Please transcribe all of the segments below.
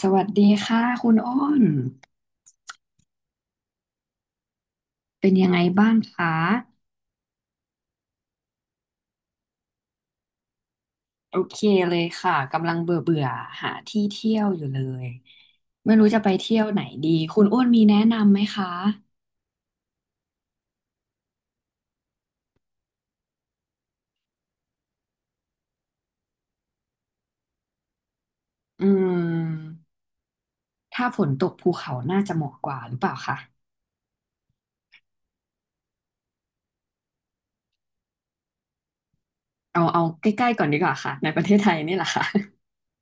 สวัสดีค่ะคุณอ้นเป็นยังไงบ้างคะโอเคเลยค่ะกำลังเบื่อเบื่อหาที่เที่ยวอยู่เลยไม่รู้จะไปเที่ยวไหนดีคุณอ้นมีแนะนำไหมคะอืมถ้าฝนตกภูเขาน่าจะเหมาะกว่าหรือเปล่าคะเอาใกล้ๆก่อนดีกว่าค่ะในประเทศไทยนี่แหละค่ะ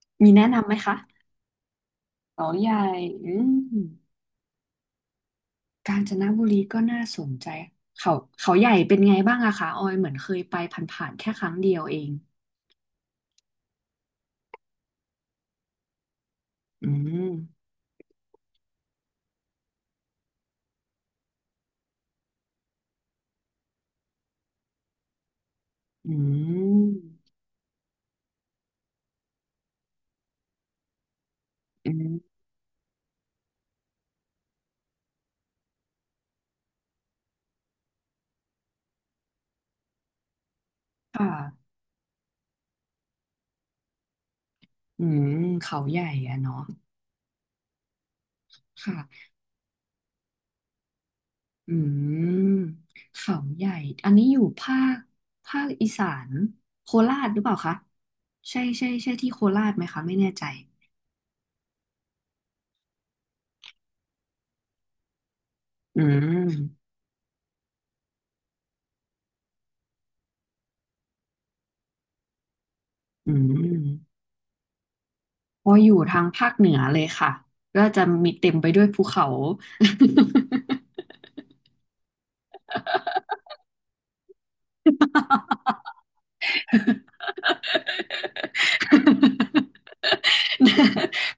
มีแนะนำไหมคะเขาใหญ่อืมกาญจนบุรีก็น่าสนใจเขาเขาใหญ่เป็นไงบ้างอะคะออยเหมือนเคยไปผ่านๆแค่ครั้งเดียวเองอืม อืม อืมค่ะอืมเขาใหญ่อะเนาะค่ะอืมเขาใหญ่ อันนี้อยู่ภาคอีสานโคราชหรือเปล่าคะ ใช่ใช่ใช่ที่โคราชไหมคะไม่แน่ใจอืม อืมพออยู่ทางภาคเหนือเลยค่ะ ก็จะมีเต็มไปด้วยภูเขา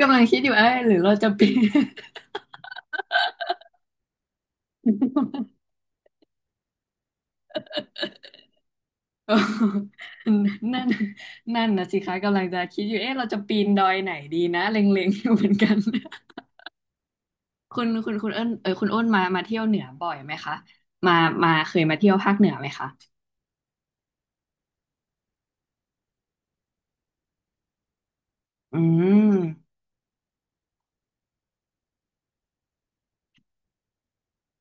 กำลังคิดอยู่เอ้ยหรือเราจะปีน เออ นั่นนั่นนะสิคะกำลังจะคิดอยู่เอ๊ะเราจะปีนดอยไหนดีนะเล็งๆอยู่เหมือนกัน คุณคุณคุณเอิ้นเออคุณอ้นมาเที่ยวเหนือบ่อยไหมคะมามาเคยมาเที่ยวภาคเหนือไหมคะอืม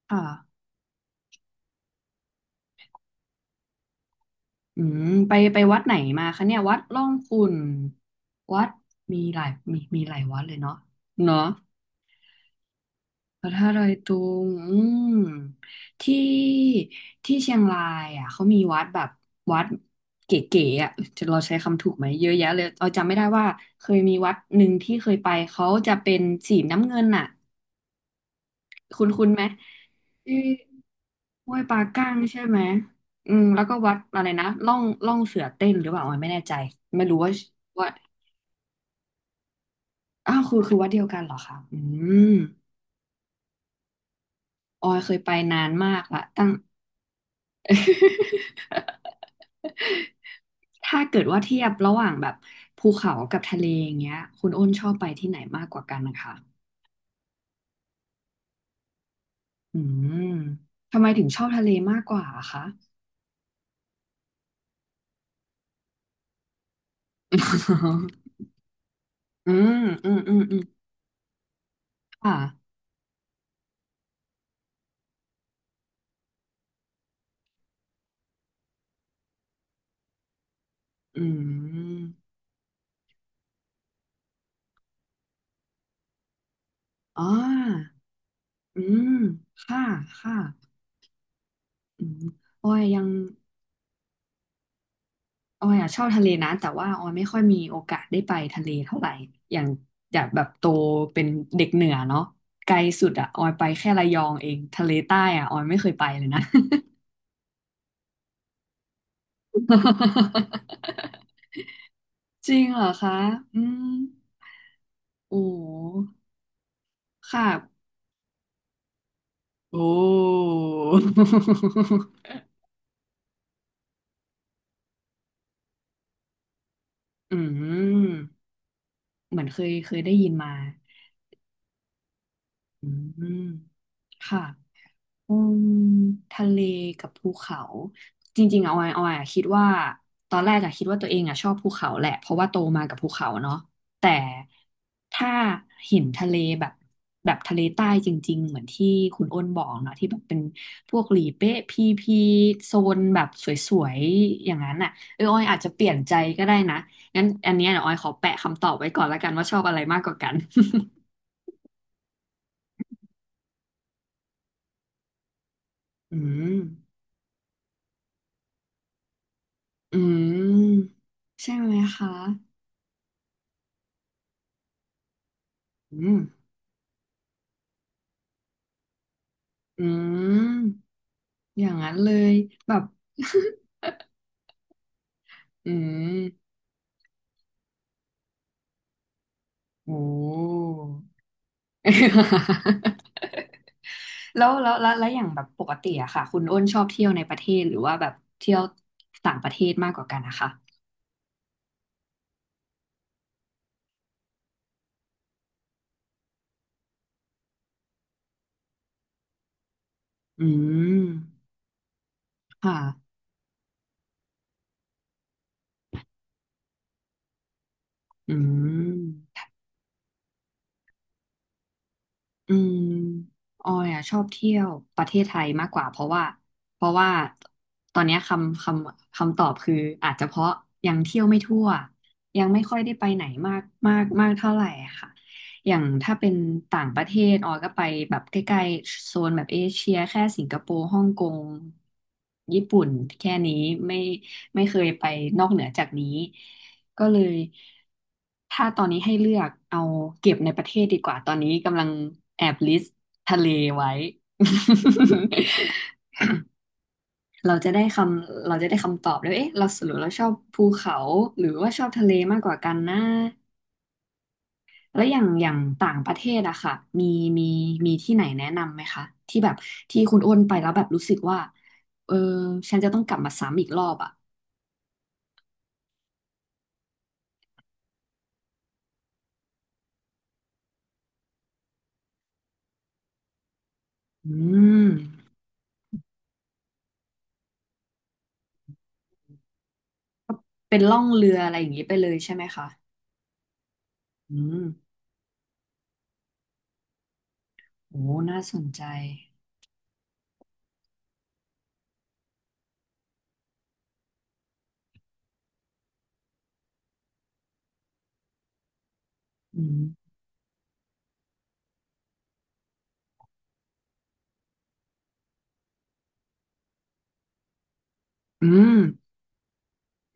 ค่ะอืมไปวัดไหนมาคะเนี่ยวัดร่องขุ่นวัดมีหลายมีมีหลายวัดเลยเนาะเนาะ พระธาตุดอยตุงอืมที่ที่เชียงรายอ่ะเขามีวัดแบบวัดเก๋ๆอ่ะจะเราใช้คำถูกไหมเยอะแยะเลยเราจำไม่ได้ว่าเคยมีวัดหนึ่งที่เคยไปเขาจะเป็นสีน้ำเงินอ่ะคุณไหมที่ห้วยปลาก้างใช่ไหมอืมแล้วก็วัดอะไรนะล่องเสือเต้นหรือเปล่าออยไม่แน่ใจไม่รู้ว่าอ้าวคือวัดเดียวกันเหรอคะอืมออยเคยไปนานมากละตั้ง ถ้าเกิดว่าเทียบระหว่างแบบภูเขากับทะเลอย่างเงี้ยคุณอ้นชอบไปที่ไหนมากกว่ากันนะคะอืมทำไมถึงชอบทะเลมากกว่าอะคะ อืมอืมอืมอืมค่ะอืมอ๋ออืมค่ะค่ะออยยังออยอ่ะชอบทะเลนะแต่ว่าออยไม่ค่อยมีโอกาสได้ไปทะเลเท่าไหร่อย่างจากแบบโตเป็นเด็กเหนือเนาะไกลสุดอ่ะออยไปแค่ระยองเองทะเลใต้อ่ะออยไม่เคยไปเลยนะ จริงเหรอคะ อืมโอ้ค่ะโอ้ อืม เหมือนเคยได้ยินมา อืมค่ะ อืมทะเลกับภูเขาจริงๆเอาไว้อะคิดว่าตอนแรกอะคิดว่าตัวเองอะชอบภูเขาแหละเพราะว่าโตมากับภูเขาเนาะแต่ถ้าเห็นทะเลแบบแบบทะเลใต้จริงๆเหมือนที่คุณอ้นบอกเนาะที่แบบเป็นพวกหลีเป๊ะพีพีโซนแบบสวยๆอย่างนั้นอะเออออยอาจจะเปลี่ยนใจก็ได้นะงั้นอันเนี้ยเดี๋ยวออยขอแปะคำตอบไว้ก่อนละกันว่าชอบอะไรมากกว่ากัน อืมอืมใช่ไหมคะ อืมอืมอย่างนั้นเลยแบบ อืมโอ้ แล้วอย่างแบบปกติอะค่ะคุณอ้นชอบเที่ยวในประเทศหรือว่าแบบเที่ยวต่างประเทศมากกว่ากันนะคะอืมค่ะอืม อืมออยอ่ะชอบเที่ยวประเทศไทยมากกว่าเพราะว่าตอนเนี้ยคำตอบคืออาจจะเพราะยังเที่ยวไม่ทั่วยังไม่ค่อยได้ไปไหนมากมากมากเท่าไหร่อะค่ะอย่างถ้าเป็นต่างประเทศออยก็ไปแบบใกล้ๆโซนแบบเอเชียแค่สิงคโปร์ฮ่องกงญี่ปุ่นแค่นี้ไม่ไม่เคยไปนอกเหนือจากนี้ ก็เลยถ้าตอนนี้ให้เลือกเอาเก็บในประเทศดีกว่าตอนนี้กำลังแอบลิสต์ทะเลไว้ เราจะได้คำตอบเลยว่าเอ๊ะเราสรุปเราชอบภูเขาหรือว่าชอบทะเลมากกว่ากันนะแล้วอย่างต่างประเทศอะค่ะมีมีมีที่ไหนแนะนำไหมคะที่แบบที่คุณอ้วนไปแล้วแบบรู้สึกว่าเออฉันจะต้องกลับมาซ้ำอีกรอบอะอืมเป็นล่องเรืออะไรอย่างนี้ไปเลยใช่ไหมคะอืม โอ้น่าสนใจ อืมอืม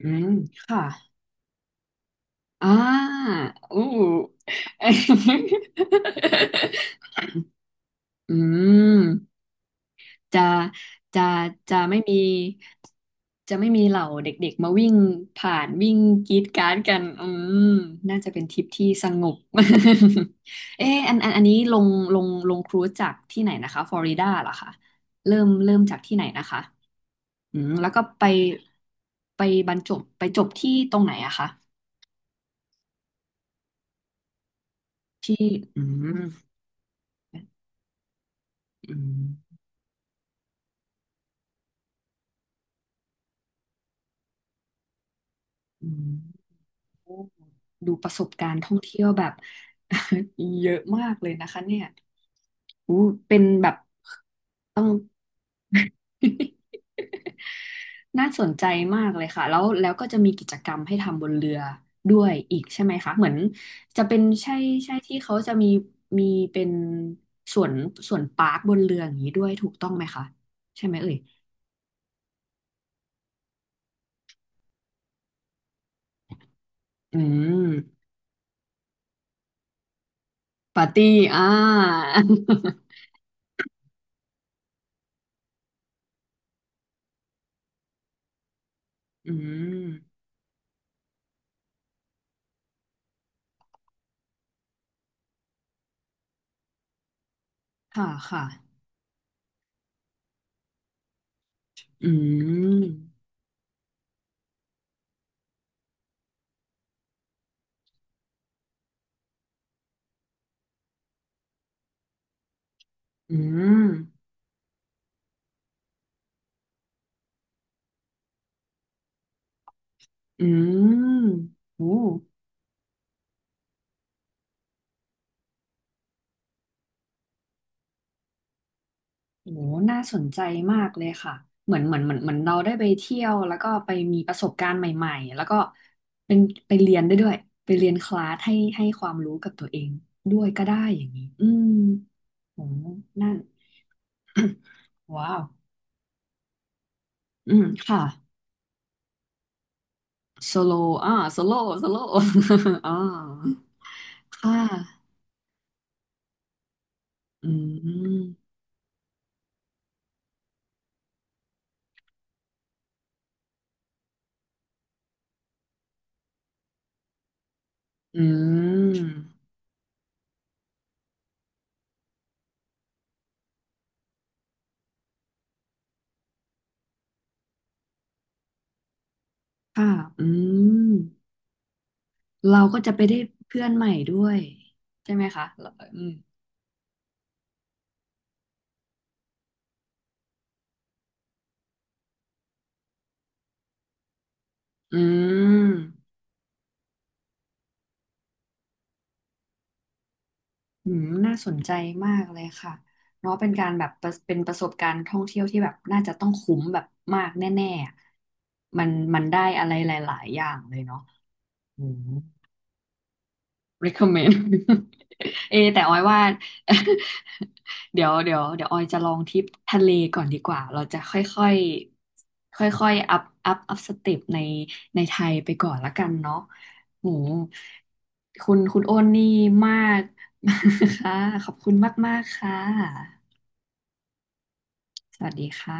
อืมค่ะอ่าอู้ อืมจะจะจะไม่มี จะไม่มีเหล่าเด็กๆมาวิ่งผ่านวิ่งกรีดกราร์ดกันอืมน่าจะเป็นทริปที่สงบ เอออันนี้ลงครูซจากที่ไหนนะคะฟลอริดาเหรอคะเริ่มจากที่ไหนนะคะ อืมแล้วก็ไปบรรจบไปจบที่ตรงไหนอะคะที่อืมอืมอืมโอ้ดูประสบการณ์ท่องเที่ยวแบบ เยอะมากเลยนะคะเนี่ยอู้เป็นแบบต้อง น่าสนใจมากเลยค่ะแล้วก็จะมีกิจกรรมให้ทำบนเรือด้วยอีกใช่ไหมคะเหมือนจะเป็นใช่ใช่ที่เขาจะมีเป็นสวนสวนปาร์คบนเรืออย่างนี้ด้วยถูกต้องไหมคะใช่ไหมเอ่ยอืม ปาร์ตี้อ่าอืมค่ะ ค่ะ อืม อืม อืมโอ้โหน่าสนใจมากเลยค่ะเหมือนเหมือนเหมือนเหมือนเราได้ไปเที่ยวแล้วก็ไปมีประสบการณ์ใหม่ๆ แล้วก็เป็นไปเรียนได้ด้วย ไปเรียนคลาสให้ความรู้กับตัวเองด้วยก็ได้อย่างนี้ อืมโหนั่น ว้าว อืม ค่ะโซโลอ่าโซโลโซโล อ่าค่ะ อืม อืม ค่ะ อืม เราก็จะไปได้เพื่อนใหม่ด้วยใช่ไหมคะเราอืมอืมอืม น่าสนใจมากเลยค่ะ เนาะเป็นการแบบประเป็นประสบการณ์ท่องเที่ยวที่แบบน่าจะต้องคุ้มแบบมากแน่ๆอะมันมันได้อะไรหลายๆอย่างเลยเนาะอืม recommend เอแต่ออยว่า เดี๋ยวเดี๋ยวเดี๋ยวออยจะลองทริปทะเลก่อนดีกว่าเราจะค่อยค่อยอัพสเต็ปในไทยไปก่อนละกันเนาะโหคุณโอนนี่มาก ค่ะขอบคุณมากๆค่ะสวัสดีค่ะ